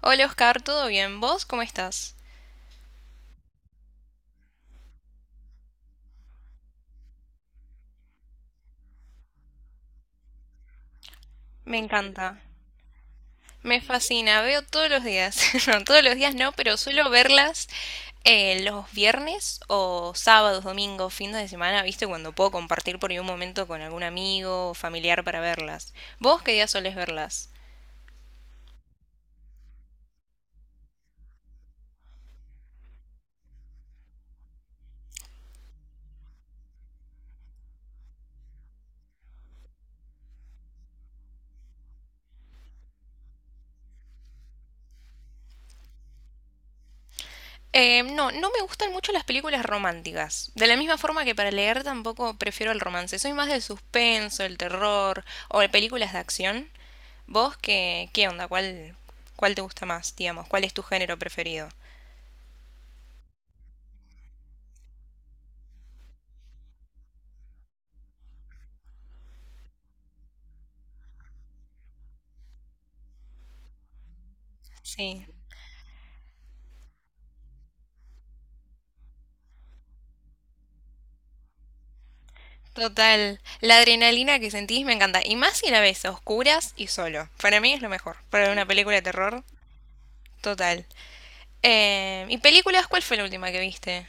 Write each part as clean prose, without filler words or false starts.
Hola Oscar, ¿todo bien? ¿Vos cómo estás? Me encanta, me fascina, veo todos los días, no, todos los días no, pero suelo verlas los viernes o sábados, domingos, fines de semana, ¿viste? Cuando puedo compartir por ahí un momento con algún amigo o familiar para verlas. ¿Vos qué día solés verlas? No, no me gustan mucho las películas románticas. De la misma forma que para leer tampoco prefiero el romance. Soy más del suspenso, el terror o de películas de acción. ¿Vos qué onda? ¿Cuál te gusta más, digamos? ¿Cuál es tu género preferido? Sí, total. La adrenalina que sentís me encanta. Y más si la ves a oscuras y solo. Para mí es lo mejor. Para una película de terror, total. ¿Y películas? ¿Cuál fue la última que viste?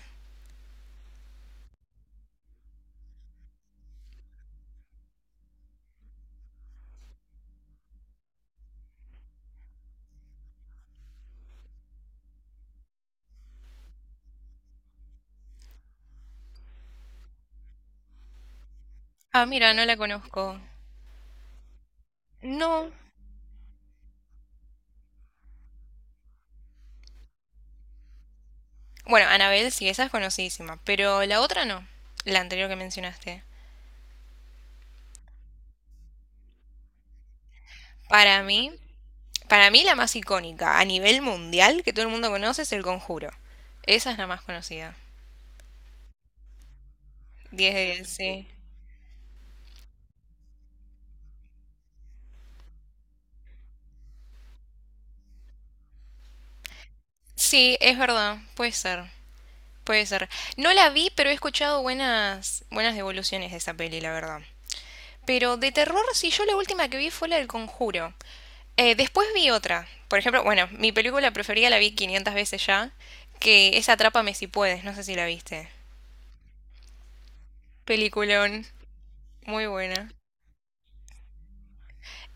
Ah, mira, no la conozco. No. Bueno, Annabelle sí, esa es conocidísima. Pero la otra no. La anterior que mencionaste. Para mí, para mí, la más icónica a nivel mundial que todo el mundo conoce es El Conjuro. Esa es la más conocida. Diez de diez, sí. Sí, es verdad, puede ser, puede ser. No la vi, pero he escuchado buenas, buenas devoluciones de esa peli, la verdad. Pero de terror, sí, yo la última que vi fue la del Conjuro. Después vi otra, por ejemplo, bueno, mi película preferida la vi 500 veces ya, que es Atrápame si puedes, no sé si la viste. Peliculón, muy buena.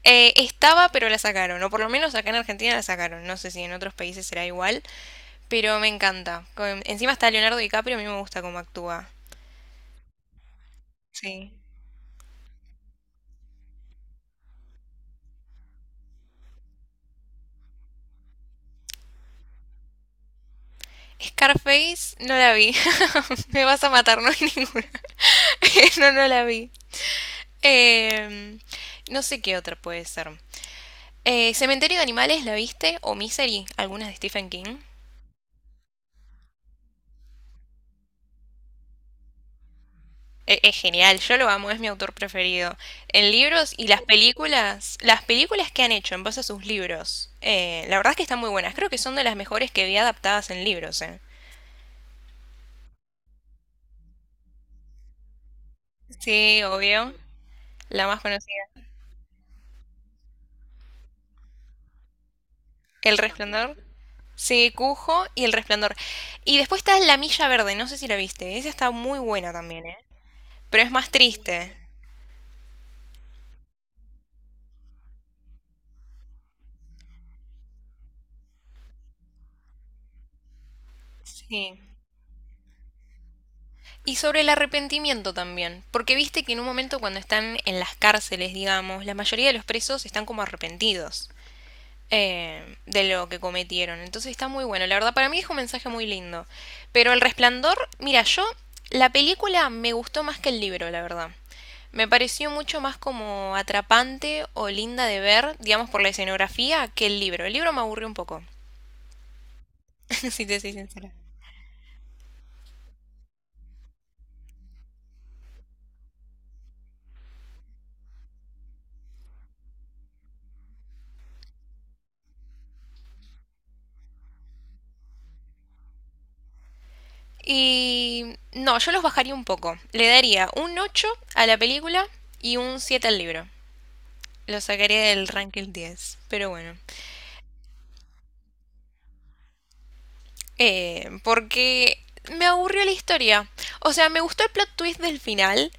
Estaba, pero la sacaron, o por lo menos acá en Argentina la sacaron. No sé si en otros países será igual, pero me encanta. Con- Encima está Leonardo DiCaprio, a mí me gusta cómo actúa. Sí. Scarface no la vi. Me vas a matar, no hay ninguna. No, no la vi. Em, no sé qué otra puede ser. Cementerio de Animales, ¿la viste? O Misery, algunas de Stephen King. Es genial, yo lo amo, es mi autor preferido. En libros, y las películas que han hecho en base a sus libros, la verdad es que están muy buenas. Creo que son de las mejores que vi adaptadas en libros. Sí, obvio. La más conocida. El Resplandor. Sí, Cujo y El Resplandor. Y después está La Milla Verde, no sé si la viste. Esa está muy buena también, ¿eh? Pero es más triste. Sí. Y sobre el arrepentimiento también, porque viste que en un momento cuando están en las cárceles, digamos, la mayoría de los presos están como arrepentidos, de lo que cometieron. Entonces está muy bueno. La verdad, para mí es un mensaje muy lindo. Pero El Resplandor, mira, yo la película me gustó más que el libro, la verdad. Me pareció mucho más como atrapante o linda de ver, digamos, por la escenografía, que el libro. El libro me aburrió un poco, si te soy sincera. Y no, yo los bajaría un poco. Le daría un 8 a la película y un 7 al libro. Lo sacaría del ranking diez. Pero bueno. Porque me aburrió la historia. O sea, me gustó el plot twist del final.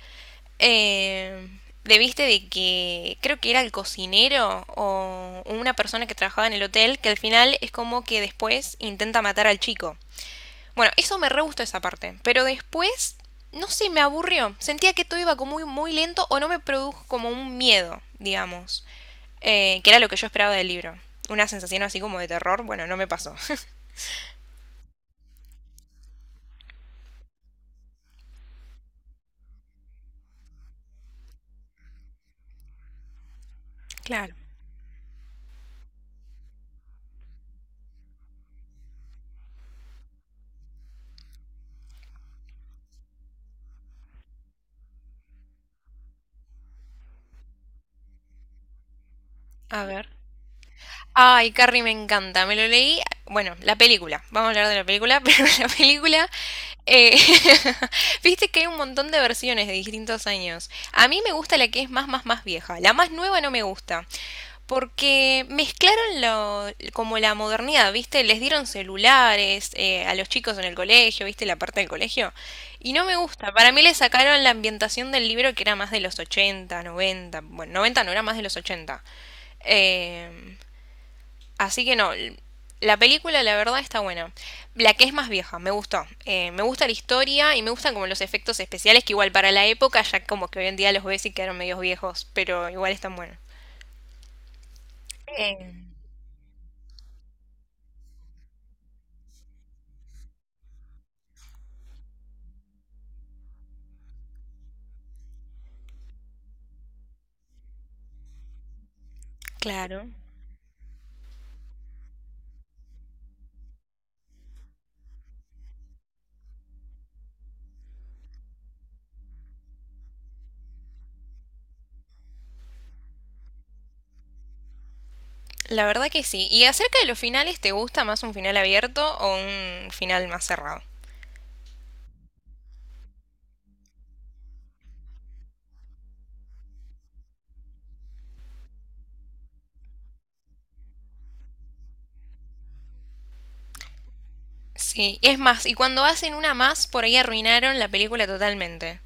Eh, de, viste, de que creo que era el cocinero o una persona que trabajaba en el hotel, que al final es como que después intenta matar al chico. Bueno, eso me re gustó, esa parte. Pero después, no sé, me aburrió. Sentía que todo iba como muy, muy lento, o no me produjo como un miedo, digamos. Que era lo que yo esperaba del libro. Una sensación así como de terror, bueno, no me pasó. Claro. A ver. Ay, Carrie me encanta, me lo leí. Bueno, la película, vamos a hablar de la película, pero la película, eh, viste que hay un montón de versiones de distintos años. A mí me gusta la que es más, más, más vieja. La más nueva no me gusta, porque mezclaron lo, como la modernidad, viste, les dieron celulares a los chicos en el colegio, viste, la parte del colegio, y no me gusta. Para mí le sacaron la ambientación del libro que era más de los 80, 90, bueno, 90 no era, más de los 80. Eh, Así que no, la película la verdad está buena. La que es más vieja, me gustó. Me gusta la historia y me gustan como los efectos especiales, que igual para la época, ya como que hoy en día los ves y quedaron medios viejos, pero igual están buenos. Eh, claro. La verdad que sí. Y acerca de los finales, ¿te gusta más un final abierto o un final más cerrado? Sí, es más, y cuando hacen una más, por ahí arruinaron la película totalmente.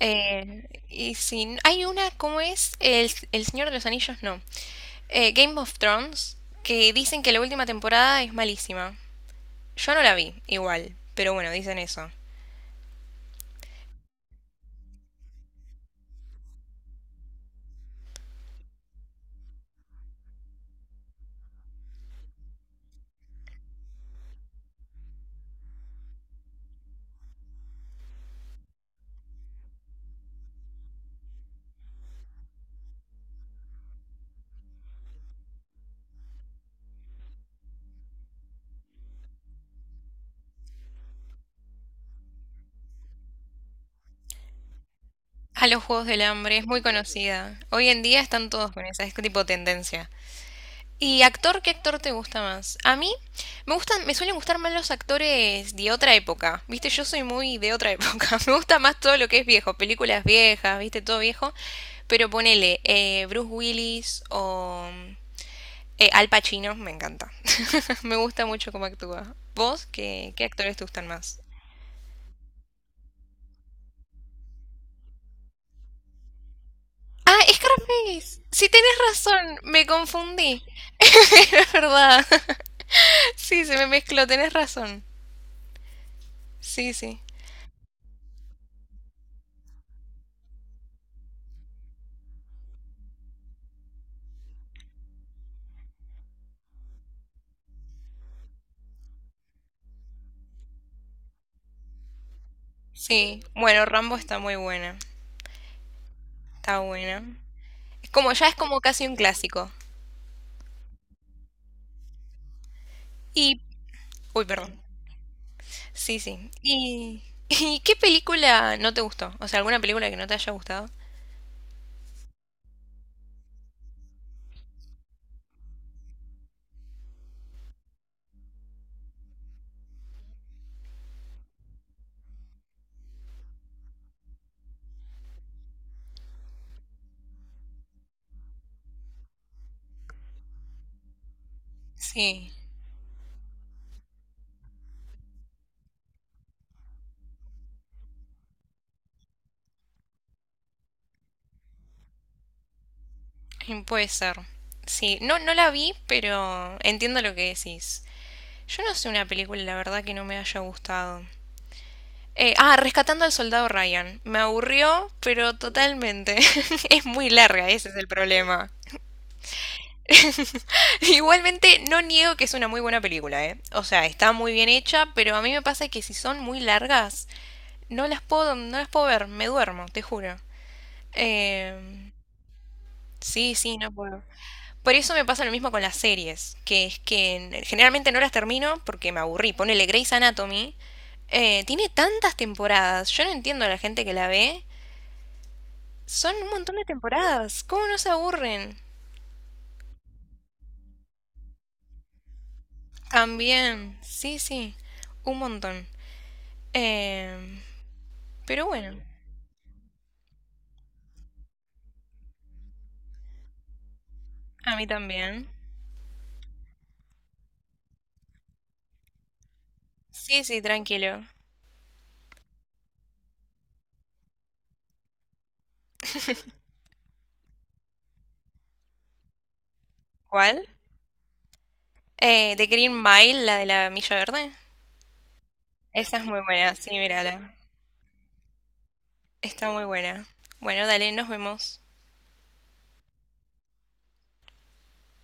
Y si hay una, ¿cómo es? El Señor de los Anillos, no. Game of Thrones, que dicen que la última temporada es malísima. Yo no la vi, igual, pero bueno, dicen eso. A los Juegos del Hambre, es muy conocida. Hoy en día están todos con esa, es tipo tendencia. ¿Y actor? ¿Qué actor te gusta más? A mí me gustan, me suelen gustar más los actores de otra época. Viste, yo soy muy de otra época. Me gusta más todo lo que es viejo, películas viejas, viste, todo viejo. Pero ponele Bruce Willis o Al Pacino, me encanta. Me gusta mucho cómo actúa. ¿Vos qué actores te gustan más? Ah, Scarface. Sí, tenés razón. Me confundí. Es verdad. Sí, se me mezcló. Tenés razón. Sí, sí. Sí. Bueno, Rambo está muy buena. Está buena. Es como, ya es como casi un clásico. Y... Uy, perdón. Sí, sí. ¿Y, y qué película no te gustó? O sea, ¿alguna película que no te haya gustado? Sí, mm, puede ser. Sí, no, no la vi, pero entiendo lo que decís. Yo no sé una película, la verdad, que no me haya gustado. Ah, Rescatando al Soldado Ryan. Me aburrió, pero totalmente. Es muy larga, ese es el problema. Igualmente, no niego que es una muy buena película, ¿eh? O sea, está muy bien hecha, pero a mí me pasa que si son muy largas, no las puedo, no las puedo ver, me duermo, te juro. Eh, sí, sí, no puedo. Por eso me pasa lo mismo con las series, que es que generalmente no las termino porque me aburrí. Ponele Grey's Anatomy, tiene tantas temporadas. Yo no entiendo a la gente que la ve. Son un montón de temporadas. ¿Cómo no se aburren? También. Sí, sí. Un montón. Eh, pero bueno. A mí también. Sí, sí, tranquilo. ¿Cuál? The Green Mile, la de la Milla Verde. Esa es muy buena. Sí, mírala. Está muy buena. Bueno, dale, nos vemos.